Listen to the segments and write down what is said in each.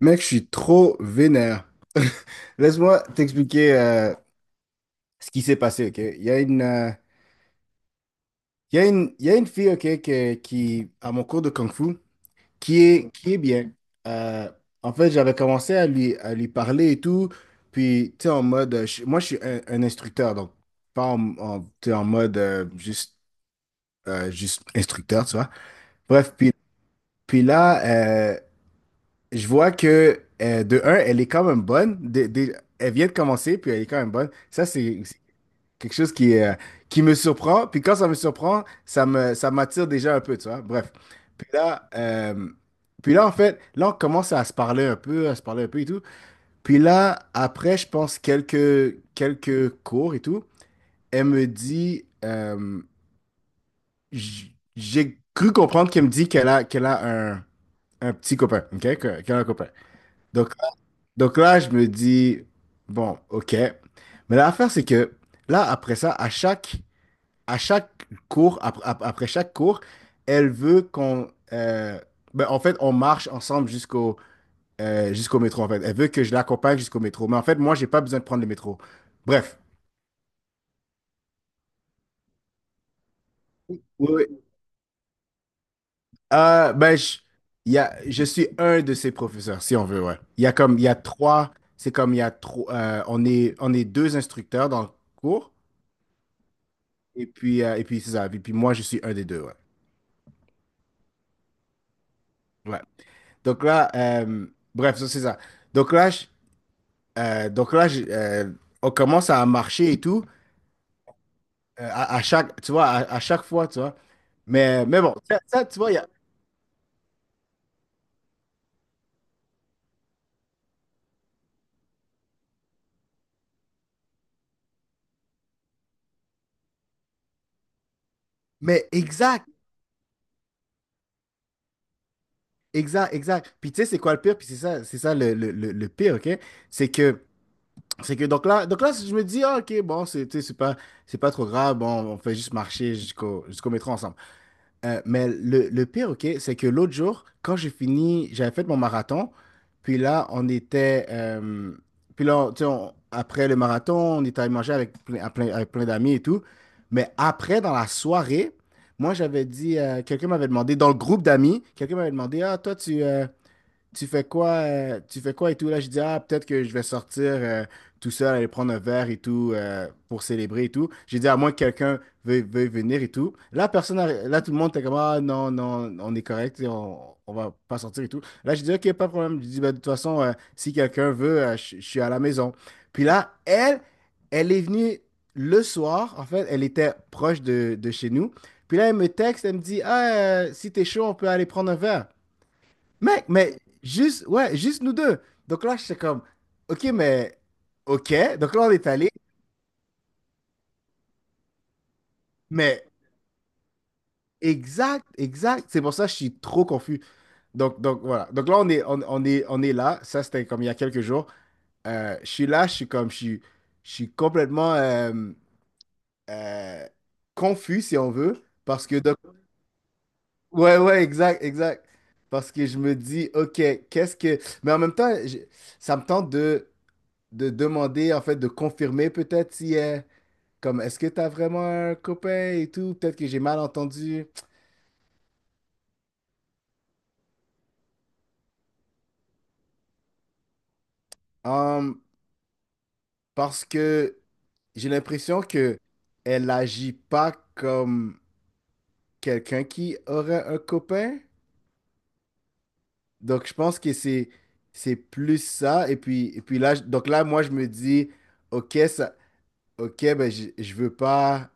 Mec, je suis trop vénère. Laisse-moi t'expliquer ce qui s'est passé, ok? Il y a une, il y a une, il y a une fille, ok, qui, à mon cours de Kung Fu, qui est bien. Euh, en fait, j'avais commencé à lui parler et tout. Puis, tu sais, en mode, moi, je suis un instructeur, donc pas tu sais, en mode juste, juste instructeur, tu vois? Bref, puis là, euh, je vois que, de un, elle est quand même bonne. Elle vient de commencer, puis elle est quand même bonne. Ça, c'est quelque chose qui me surprend. Puis quand ça me surprend, ça m'attire déjà un peu, tu vois. Bref. Puis là, euh, puis là, en fait, là, on commence à se parler un peu et tout. Puis là, après, je pense quelques cours et tout, elle me dit, j'ai cru comprendre qu'elle me dit qu'elle a un petit copain, OK? Qu'elle a un copain. Donc, donc là, je me dis, bon, OK. Mais l'affaire, c'est que là, après ça, à chaque cours, après chaque cours, elle veut ben, en fait, on marche ensemble jusqu'au métro, en fait. Elle veut que je l'accompagne jusqu'au métro. Mais en fait, moi, j'ai pas besoin de prendre le métro. Bref. Oui, oui. Ben, je, il y a, je suis un de ses professeurs, si on veut, ouais. Il y a comme, il y a trois. C'est comme il y a trois. On est deux instructeurs dans le cours. Et puis c'est ça. Et puis moi, je suis un des deux, ouais. Ouais. Donc là, bref, ça, c'est ça. Donc là, donc là, on commence à marcher et tout, à chaque, tu vois, à chaque fois, tu vois. Mais bon, ça, tu vois, il y a. Mais exact, exact, exact. Puis tu sais, c'est quoi le pire? Puis c'est ça le pire, OK? C'est que, c'est que, donc là, je me dis, ah, OK, bon, tu sais, c'est pas trop grave, bon, on fait juste marcher jusqu'au métro ensemble. Mais le pire, OK, c'est que l'autre jour, quand j'ai fini, j'avais fait mon marathon, puis là, puis là, tu sais, après le marathon, on était allé manger avec plein d'amis et tout. Mais après, dans la soirée, moi, quelqu'un m'avait demandé, dans le groupe d'amis, «Ah, toi, tu fais quoi et tout. Là, je dis, ah, peut-être que je vais sortir tout seul, aller prendre un verre et tout pour célébrer et tout. J'ai dit, à moins que quelqu'un veuille venir et tout. Là, tout le monde était comme, ah, non, non, on est correct, tu sais, on va pas sortir et tout. Là, je dis, ok, pas de problème. Je dis, ben, de toute façon, si quelqu'un veut, je suis à la maison. Puis là, elle est venue le soir, en fait, elle était proche de chez nous. Puis là, elle me texte, elle me dit, ah, si t'es chaud, on peut aller prendre un verre. Mec, mais juste, ouais, juste nous deux. Donc là, j'étais comme, OK, mais OK. Donc là, on est allé, mais exact, exact. C'est pour ça que je suis trop confus. Donc, voilà. Donc là, on est là. Ça, c'était comme il y a quelques jours. Je suis là, je suis comme, je suis complètement euh, confus, si on veut. Parce que, donc, ouais, ouais, exact, exact. Parce que je me dis, OK, qu'est-ce que. Mais en même temps, ça me tente de. De demander, en fait, de confirmer peut-être si, comme, est-ce que t'as vraiment un copain et tout? Peut-être que j'ai mal entendu. Hum, parce que j'ai l'impression que elle agit pas comme quelqu'un qui aurait un copain. Donc, je pense que c'est plus ça. Et puis là, donc là, moi, je me dis, OK, ça, OK, ben je veux pas,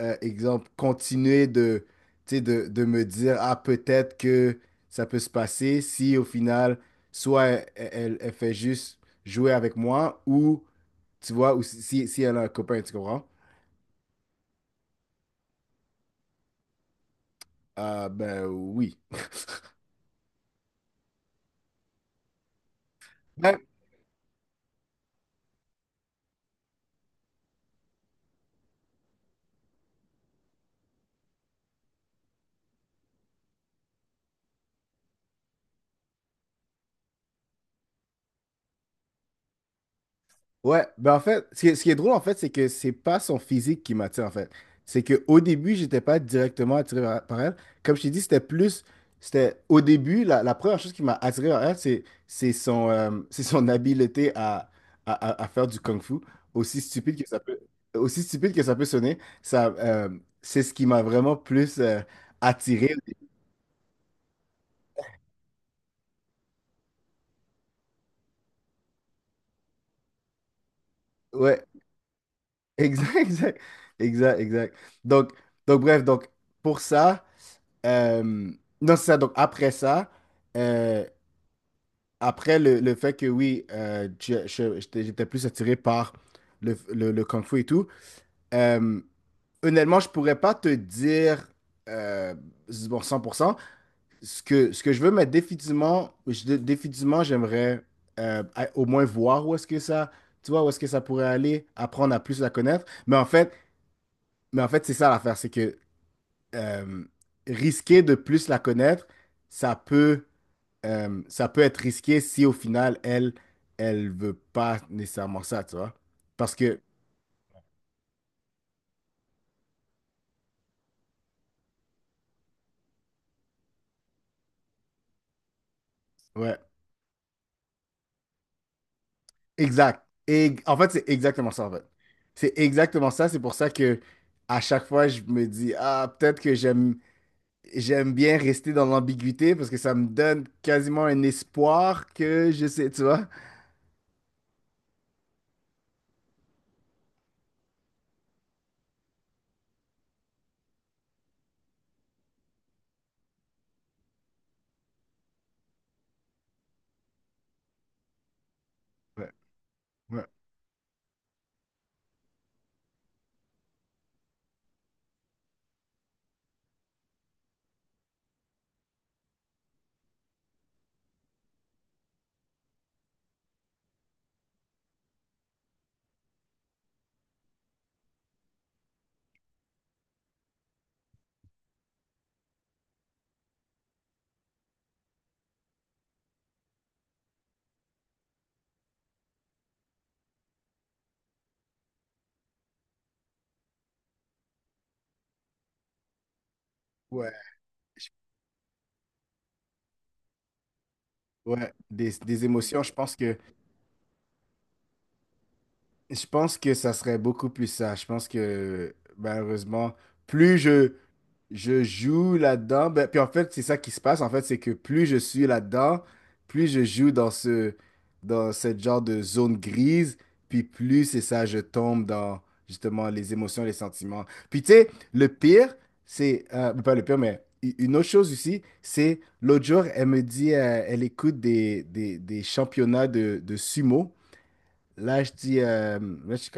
exemple, continuer de, tu sais, de me dire, ah, peut-être que ça peut se passer si au final, soit elle, elle fait juste jouer avec moi ou, tu vois, ou si elle a un copain, tu comprends? Ah, ben oui. Ben, ouais, ben en fait, ce qui est drôle en fait, c'est que c'est pas son physique qui m'attire en fait. C'est que au début, j'étais pas directement attiré par elle. Comme je t'ai dit, c'était au début, la première chose qui m'a attiré par elle, c'est son c'est son habileté à faire du kung-fu, aussi stupide que ça peut aussi stupide que ça peut sonner, ça c'est ce qui m'a vraiment plus attiré. Ouais, exact, exact, exact, exact. Donc donc bref, donc pour ça. Euh, non, c'est ça. Donc, après ça, euh, après le fait que oui, j'étais plus attiré par le Kung Fu et tout, euh, honnêtement, je pourrais pas te dire euh, bon, 100% ce que je veux, mais définitivement j'aimerais au moins voir où est-ce que ça, tu vois, où est-ce que ça pourrait aller, apprendre à plus la connaître. Mais en fait, c'est ça l'affaire, c'est que euh, risquer de plus la connaître, ça peut. Ça peut être risqué si au final, elle, elle veut pas nécessairement ça, tu vois. Parce que, ouais, exact. Et en fait, c'est exactement ça, en fait. C'est exactement ça. C'est pour ça que à chaque fois, je me dis, ah, peut-être que j'aime bien rester dans l'ambiguïté parce que ça me donne quasiment un espoir que je sais, tu vois. Ouais, ouais, ouais. je- ouais. Des émotions, je pense que ça serait beaucoup plus ça. Je pense que malheureusement, plus je joue là-dedans. Ben, puis en fait, c'est ça qui se passe. En fait, c'est que plus je suis là-dedans, plus je joue dans dans cette genre de zone grise, puis plus c'est ça, je tombe dans justement les émotions, les sentiments. Puis tu sais, le pire, ben, pas le pire, mais une autre chose aussi, c'est l'autre jour, elle me dit, elle écoute des championnats de sumo. Là, je dis. Là, je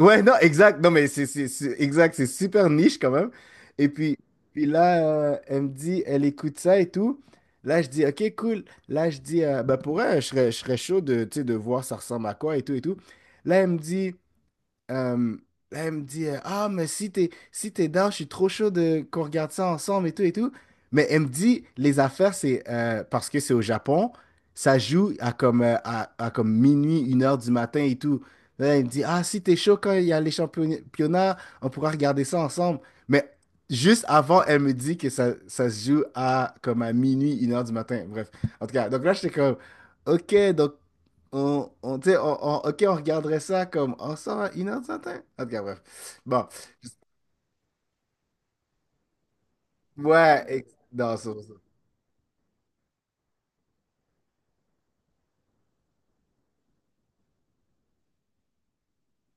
Ouais, non, exact. Non, mais c'est exact. C'est super niche quand même. Et puis là, elle me dit, elle écoute ça et tout. Là, je dis, OK, cool. Là, je dis, bah, pour elle, je serais chaud de, tu sais, de voir ça ressemble à quoi et tout et tout. Là, euh, elle me dit, Ah, mais si t'es down, je suis trop chaud de qu'on regarde ça ensemble et tout et tout. Mais elle me dit les affaires, c'est parce que c'est au Japon, ça joue à comme, à comme minuit, une heure du matin et tout. Là, elle me dit Ah, si t'es chaud quand il y a les championnats, on pourra regarder ça ensemble. Mais juste avant, elle me dit que ça se joue à comme à minuit, une heure du matin. Bref, en tout cas, donc là, j'étais comme Ok, donc tu sais, ok, on regarderait ça comme oh ça une heure du matin? En tout cas, bref. Bon. Ouais, non, ça.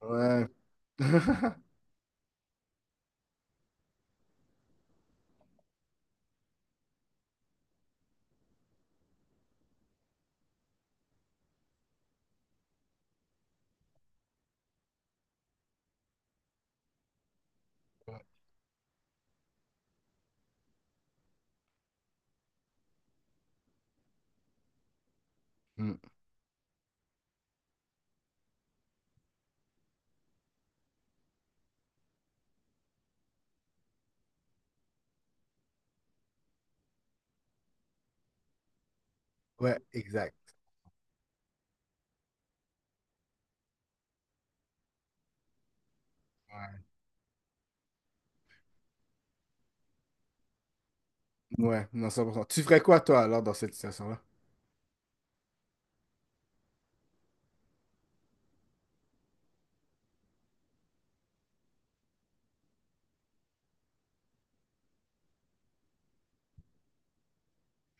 Ouais. Hmm. Ouais, exact. Ouais, ouais, non, 100%. Tu ferais quoi, toi, alors, dans cette situation-là?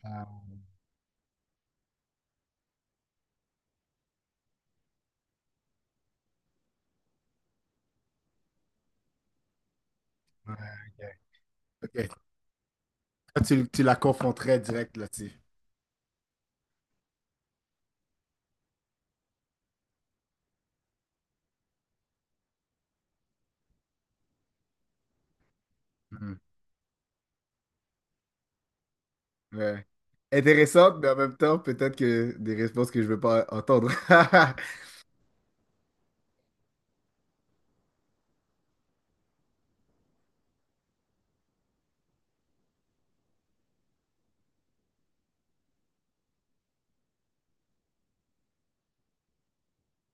Ah, ouais, ok. Ok. Toi, tu la confronterais direct là-dessus. Hmm. Ouais. Intéressante, mais en même temps, peut-être que des réponses que je veux pas entendre.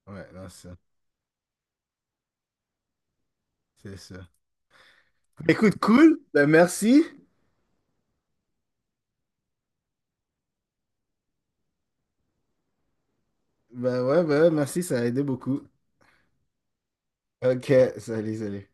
Ouais, non, c'est ça. C'est ça. Écoute, cool. Ben, merci. Bah ouais, merci, ça a aidé beaucoup. Ok, salut, salut.